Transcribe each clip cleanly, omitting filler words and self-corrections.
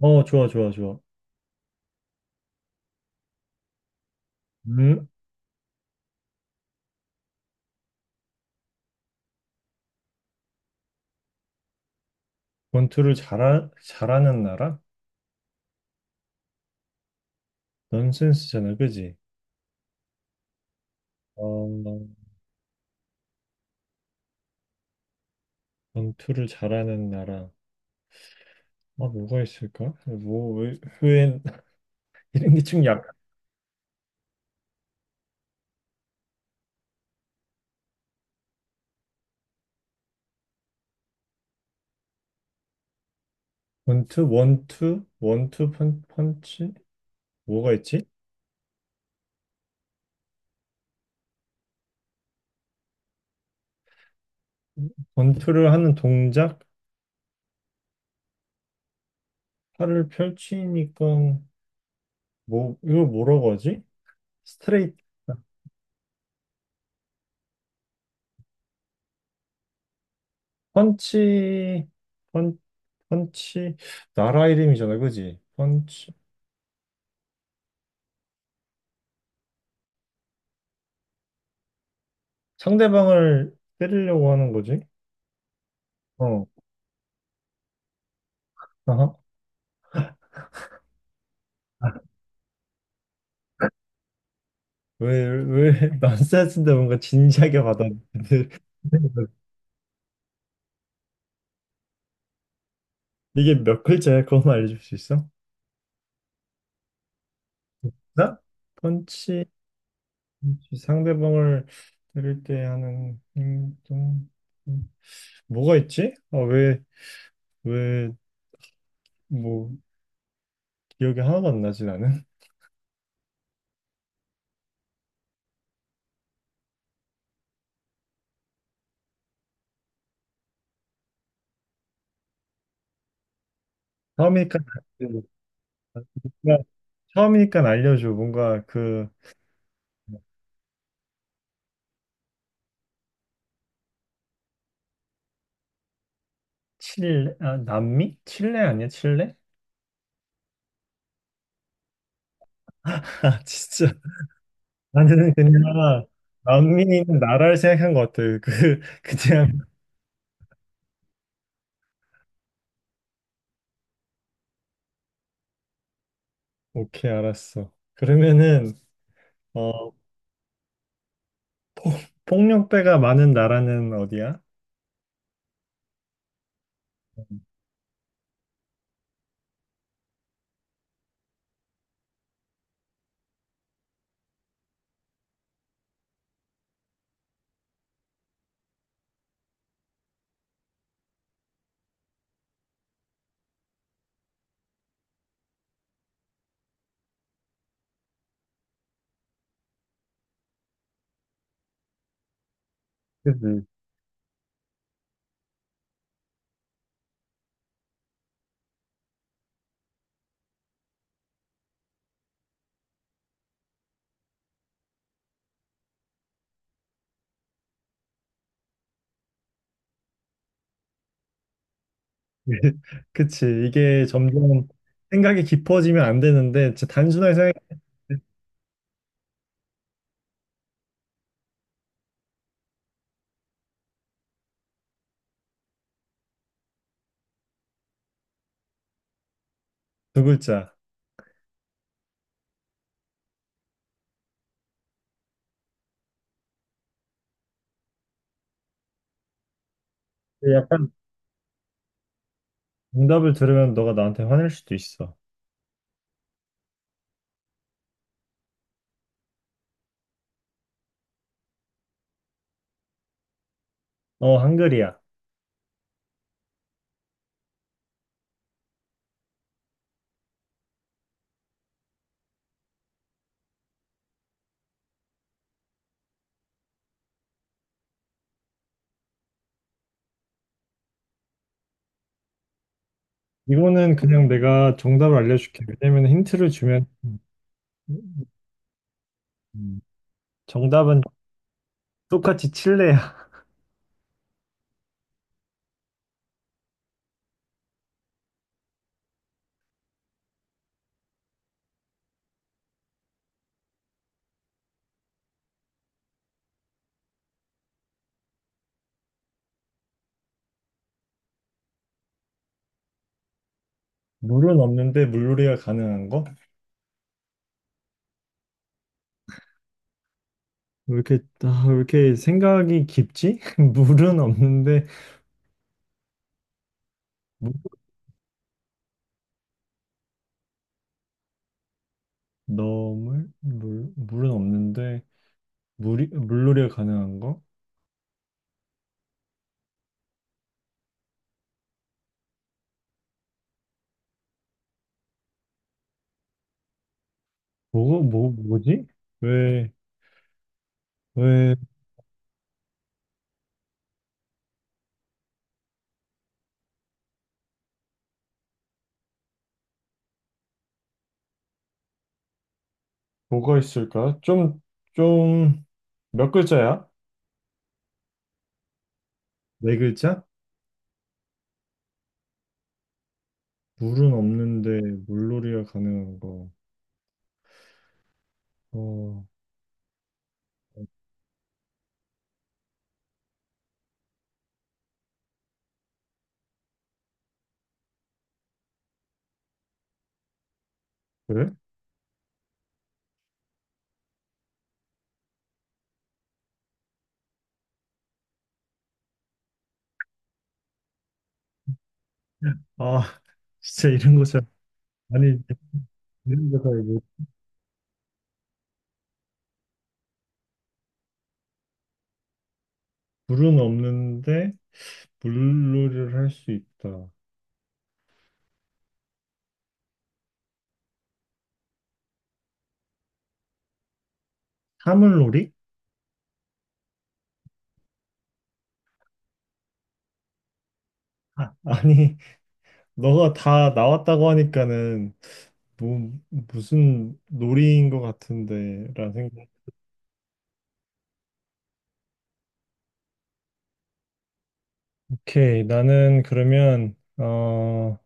어, 좋아, 좋아, 좋아. 음, 권투를 잘하는 나라? 넌센스잖아, 그지? 어, 권투를 잘하는 나라. 아, 뭐가 있을까? 뭐, 왜, 이런 게 좀 약간. 권투, 원투 펀치? 뭐가 있지? 권투를 하는 동작? 팔을 펼치니까, 뭐, 이거 뭐라고 하지? 스트레이트, 펀치, 펀, 펀치, 나라 이름이잖아, 그지? 펀치. 상대방을 때리려고 하는 거지? 어. 아하. 왜 넌센스인데 뭔가 진지하게 받아들여? 이게 몇 글자야? 그것만 알려줄 수 있어? 나? 펀치, 펀치, 상대방을 때릴 때 하는 행동. 음, 뭐가 있지? 아, 왜, 뭐, 기억이 하나도 안 나지, 나는? 처음이니까, 그러니까 처음이니까 알려줘. 뭔가 그, 칠레, 아, 남미? 칠레 아니야, 칠레? 아, 진짜. 나는 그냥 남미는 나라를 생각한 것 같아. 그냥 오케이 알았어. 그러면은 어 폭력배가 많은 나라는 어디야? 그치. 그치. 이게 점점 생각이 깊어지면 안 되는데 진짜 단순하게 생각해 두 글자. 근데 약간 정답을 들으면 너가 나한테 화낼 수도 있어. 어 한글이야. 이거는 그냥 내가 정답을 알려줄게. 왜냐면 힌트를 주면. 음. 음. 정답은 똑같이 칠레 물은 없는데 물놀이가 가능한 거? 왜 이렇게, 아, 왜 이렇게 생각이 깊지? 물은 없는데, 물, 너물? 물은 없는데, 물놀이가 가능한 거? 뭐지? 왜, 왜, 뭐가 있을까? 좀, 몇 글자야? 네 글자? 물은 없는데, 물놀이가 가능한 거. 어, 그래? 아, 진짜 이런 거 잘, 아니, 이런 거 잘, 모르- 물은 없는데, 물놀이를 할 수 있다. 사물놀이? 아니, 너가 다 나왔다고 하니까는 뭐, 무슨 놀이인 것 같은데, 라는 생각. 오케이, 나는 그러면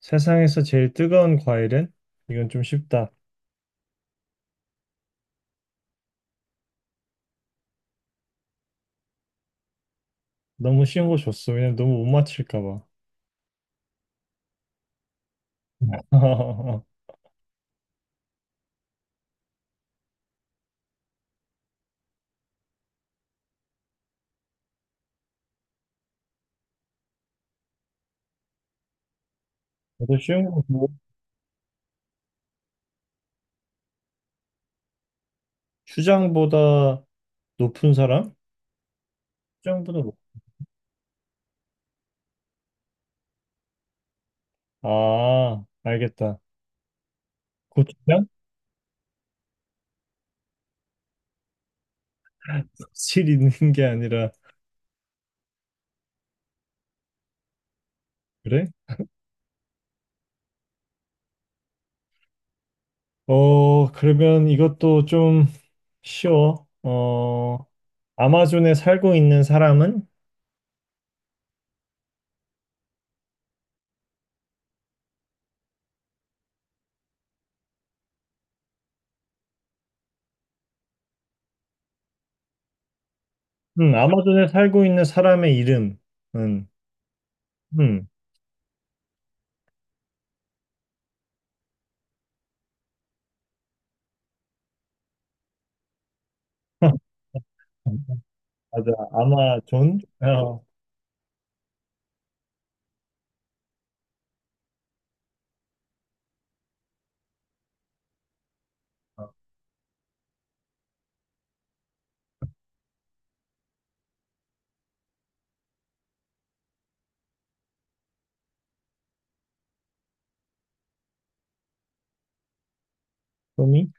세상에서 제일 뜨거운 과일은? 이건 좀 쉽다. 너무 쉬운 거 줬어. 왜냐면 너무 못 맞힐까 봐. 나도 쉬운 거 뭐? 추장보다 높은 사람? 추장보다 높... 아, 알겠다. 고추장? 실 있는 게 아니라 그래? 어, 그러면 이것도 좀 쉬워. 아마존에 살고 있는 사람은? 아마존에 살고 있는 사람의 이름은? 음, 맞아. 아마존? 소미?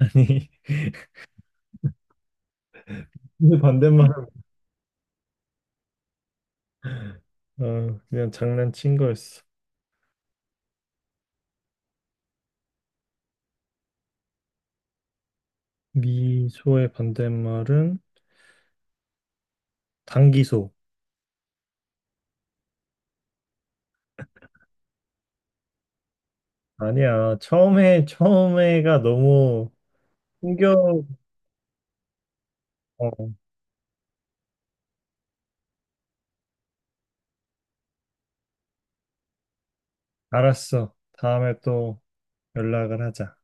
아니, 반대말. 어, 그냥 장난친 거였어. 미소의 반대말은 단기소. 아니야. 처음에가 너무 충격. 어, 알았어. 다음에 또 연락을 하자.